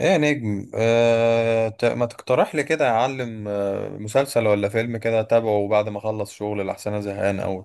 ايه يا نجم ما تقترح لي كده اعلم مسلسل ولا فيلم كده اتابعه بعد ما اخلص شغل لأحسن انا زهقان قوي.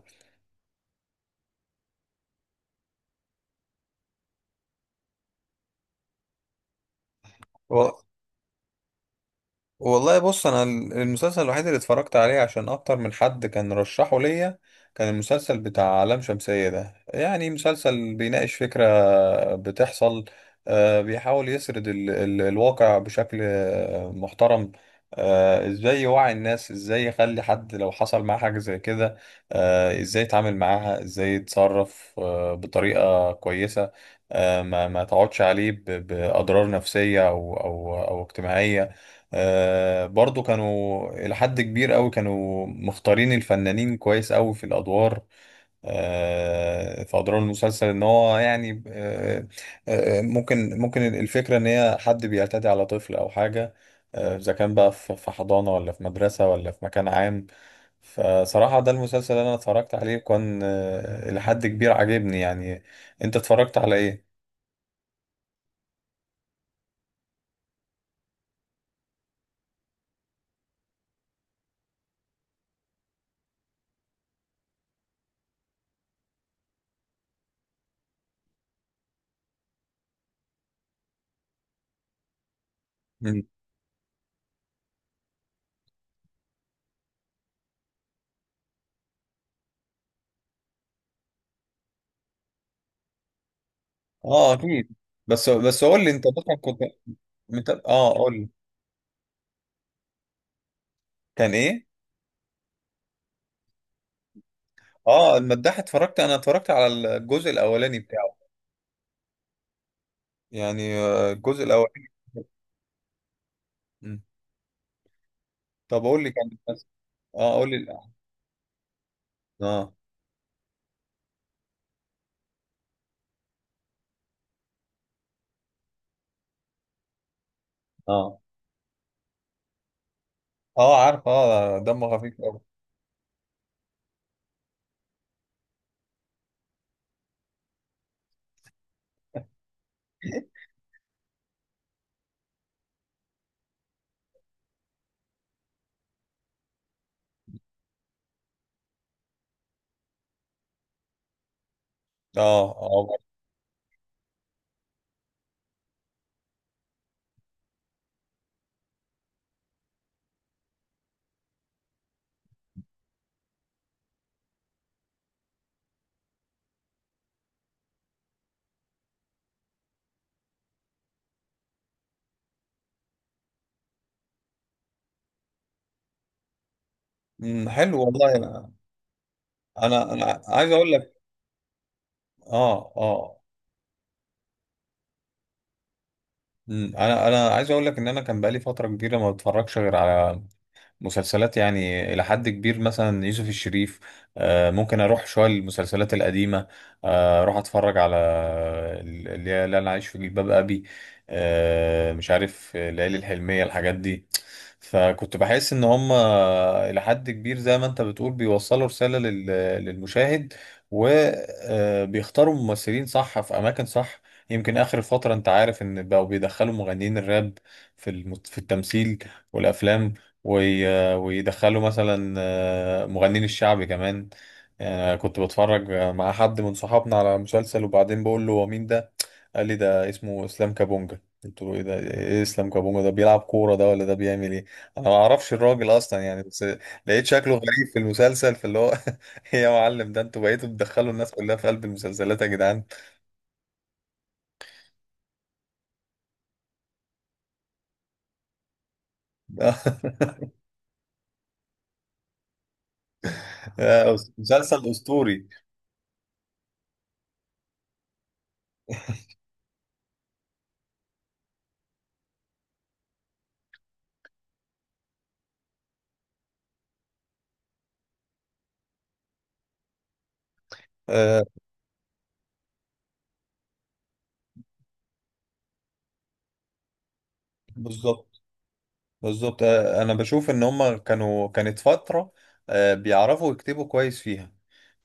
والله بص انا المسلسل الوحيد اللي اتفرجت عليه عشان اكتر من حد كان رشحه ليا كان المسلسل بتاع لام شمسية ده، يعني مسلسل بيناقش فكرة بتحصل. بيحاول يسرد ال الواقع بشكل محترم. ازاي يوعي الناس، ازاي يخلي حد لو حصل معاه حاجة زي كده ازاي يتعامل معاها، ازاي يتصرف بطريقة كويسة. ما تقعدش عليه بأضرار نفسية أو اجتماعية. آه برضو كانوا إلى حد كبير أوي، كانوا مختارين الفنانين كويس أوي في الأدوار. آه في أدوار المسلسل إن هو يعني ممكن الفكرة إن هي حد بيعتدي على طفل أو حاجة إذا كان بقى في حضانة ولا في مدرسة ولا في مكان عام. فصراحة ده المسلسل اللي أنا اتفرجت عليه، كان إلى حد كبير عاجبني يعني. أنت اتفرجت على إيه؟ مم. آه أكيد. بس قول لي أنت مثلا كنت قول لي. كان ايه؟ اه المداح اتفرجت، اتفرجت على الجزء الاولاني بتاعه. يعني الجزء الاولاني. مم. طب قول لي كان بس. اه قول لي الأحداث. اه اه. اه عارف، اه دمه خفيف قوي. اه اه. أمم، حلو. والله انا عايز اقول لك. اه اه. أمم، انا عايز اقول لك ان انا كان بقالي فتره كبيره ما بتفرجش غير على مسلسلات، يعني إلى حد كبير مثلا يوسف الشريف. ممكن أروح شوية للمسلسلات القديمة. أروح أتفرج على اللي هي اللي أنا عايش في جلباب أبي. مش عارف ليالي الحلمية، الحاجات دي. فكنت بحس إن هم إلى حد كبير زي ما أنت بتقول بيوصلوا رسالة للمشاهد، وبيختاروا ممثلين صح في أماكن صح. يمكن آخر فترة أنت عارف إن بقوا بيدخلوا مغنيين الراب في التمثيل والأفلام، ويدخلوا مثلا مغنين الشعبي كمان. كنت بتفرج مع حد من صحابنا على مسلسل، وبعدين بقول له هو مين ده؟ قال لي ده اسمه اسلام كابونجا. قلت له ايه ده؟ ايه اسلام كابونجا ده؟ بيلعب كورة ده، ولا ده بيعمل ايه؟ انا ما اعرفش الراجل اصلا يعني، بس لقيت شكله غريب في المسلسل. فاللي هو إيه يا معلم؟ ده انتوا بقيتوا تدخلوا الناس كلها في قلب المسلسلات يا جدعان. آه، مسلسل اسطوري. آه، بالظبط. بالظبط انا بشوف ان هم كانوا، كانت فترة بيعرفوا يكتبوا كويس فيها.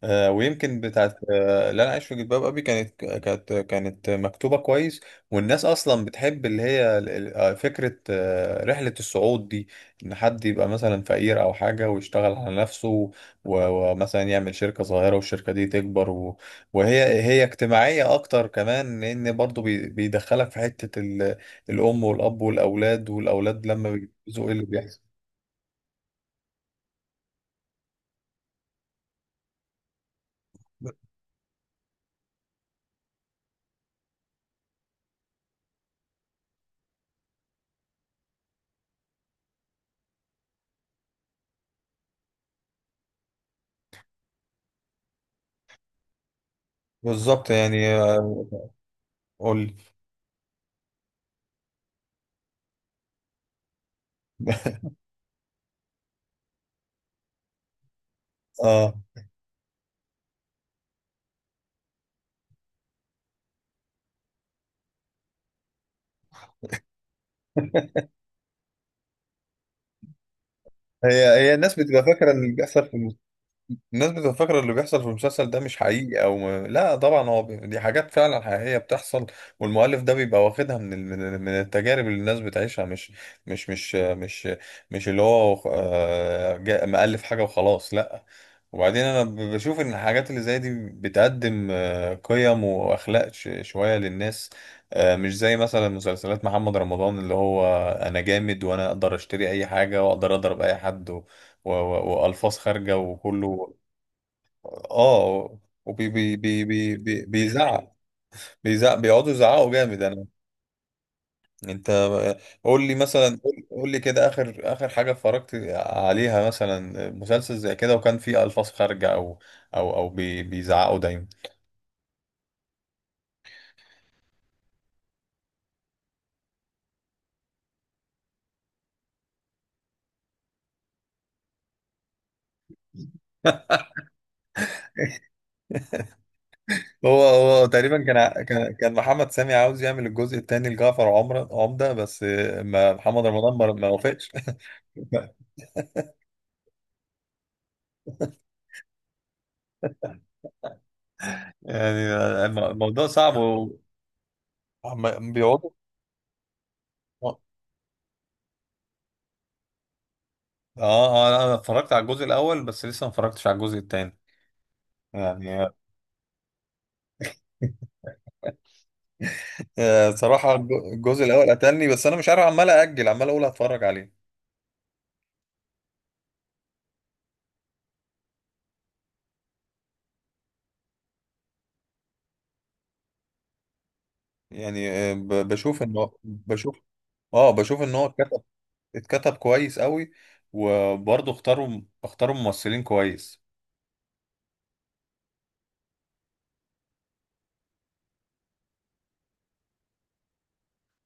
ويمكن بتاعت اللي انا عايش في جلباب ابي كانت كانت مكتوبه كويس. والناس اصلا بتحب اللي هي فكره رحله الصعود دي، ان حد يبقى مثلا فقير او حاجه ويشتغل على نفسه ومثلا يعمل شركه صغيره والشركه دي تكبر، وهي اجتماعيه اكتر كمان، لان برضو بيدخلك في حته الام والاب والاولاد، والاولاد لما بيتجوزوا ايه اللي بيحصل. بالظبط يعني قول لي. اه. هي الناس بتبقى فاكره ان اللي بيحصل في الناس بتبقى فاكرة اللي بيحصل في المسلسل ده مش حقيقي او ما... لا طبعا هو بي... دي حاجات فعلا حقيقية بتحصل. والمؤلف ده بيبقى واخدها من ال... من التجارب اللي الناس بتعيشها، مش مش مش مش اللي هو جا... مؤلف حاجة وخلاص، لا. وبعدين انا بشوف ان الحاجات اللي زي دي بتقدم قيم واخلاق ش... شوية للناس. مش زي مثلا مسلسلات محمد رمضان، اللي هو انا جامد وانا اقدر اشتري اي حاجة واقدر اضرب اي حد والفاظ خارجه وكله. اه. وبي بي بي بي بي بيزعق. بيزعق، بيقعدوا يزعقوا جامد. انا انت قول لي مثلا، قول لي كده اخر حاجه اتفرجت عليها مثلا مسلسل زي كده، وكان فيه الفاظ خارجه او بيزعقوا دايما. هو تقريبا كان كان محمد سامي عاوز يعمل الجزء الثاني لجعفر عمر عمده، بس ما محمد رمضان ما وافقش. يعني الموضوع صعب. بيقعدوا. اه اه. لا، انا اتفرجت على الجزء الاول بس، لسه ما اتفرجتش على الجزء التاني. يعني صراحة الجزء الأول قتلني، بس أنا مش عارف عمال أأجل، عمال أقول هتفرج عليه. يعني بشوف إن هو بشوف. اه بشوف إن هو اتكتب، اتكتب كويس قوي. وبرضه اختاروا ممثلين كويس.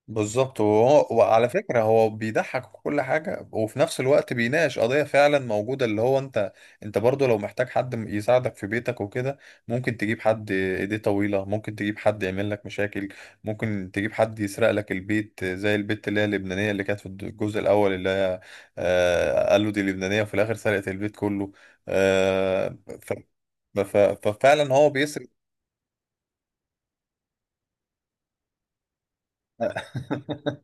بالظبط. وهو وعلى فكرة هو بيضحك وكل حاجة، وفي نفس الوقت بيناقش قضية فعلا موجودة. اللي هو انت، انت برضو لو محتاج حد يساعدك في بيتك وكده، ممكن تجيب حد ايديه طويلة، ممكن تجيب حد يعمل لك مشاكل، ممكن تجيب حد يسرق لك البيت زي البت اللي هي اللبنانية اللي كانت في الجزء الأول، اللي هي آه قالوا دي لبنانية وفي الآخر سرقت البيت كله. آه ف... ف- ففعلا هو بيسرق.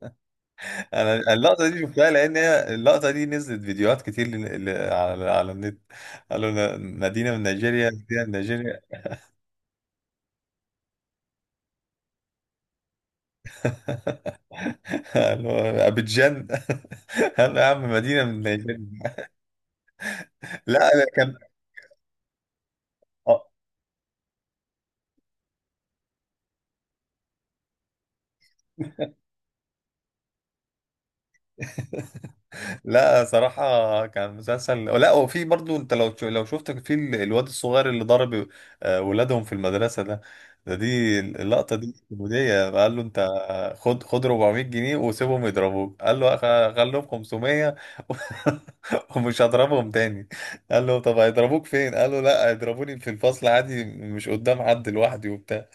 انا اللقطه دي شفتها لان هي اللقطه دي نزلت فيديوهات كتير على النت. قالوا مدينه من نيجيريا، مدينه من نيجيريا. قالوا ابيجان. قال له يا عم مدينه من نيجيريا. لا أنا كان آه، لا صراحة كان مسلسل. لا وفي برضو انت لو لو شفت الواد الصغير اللي ضرب ولادهم في المدرسة ده، دي اللقطة دي كوميدية. قال له انت خد 400 جنيه وسيبهم يضربوك. قال له خليهم 500". ومش هضربهم تاني. قال له طب هيضربوك فين؟ قال له لا هيضربوني في الفصل عادي مش قدام حد، لوحدي وبتاع.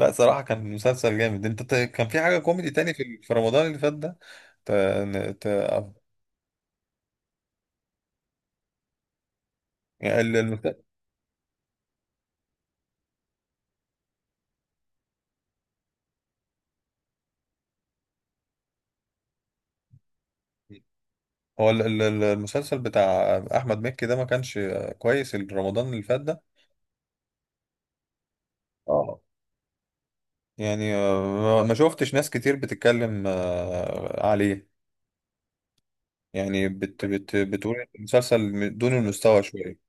لا صراحة كان مسلسل جامد. انت كان في حاجة كوميدي تاني في في رمضان اللي فات ده ت... ت... يعني هو المسلسل بتاع احمد مكي ده ما كانش كويس رمضان اللي فات ده. اه. يعني ما شفتش ناس كتير بتتكلم عليه يعني، بت بت بتقول المسلسل دون المستوى شوية.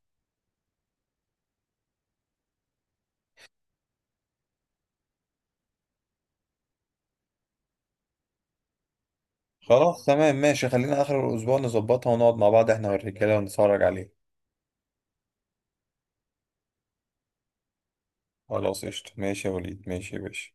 خلاص تمام ماشي، خلينا آخر الأسبوع نظبطها ونقعد مع بعض احنا والرجالة ونتفرج عليه. خلاص قشطة ماشي يا وليد، ماشي يا باشا.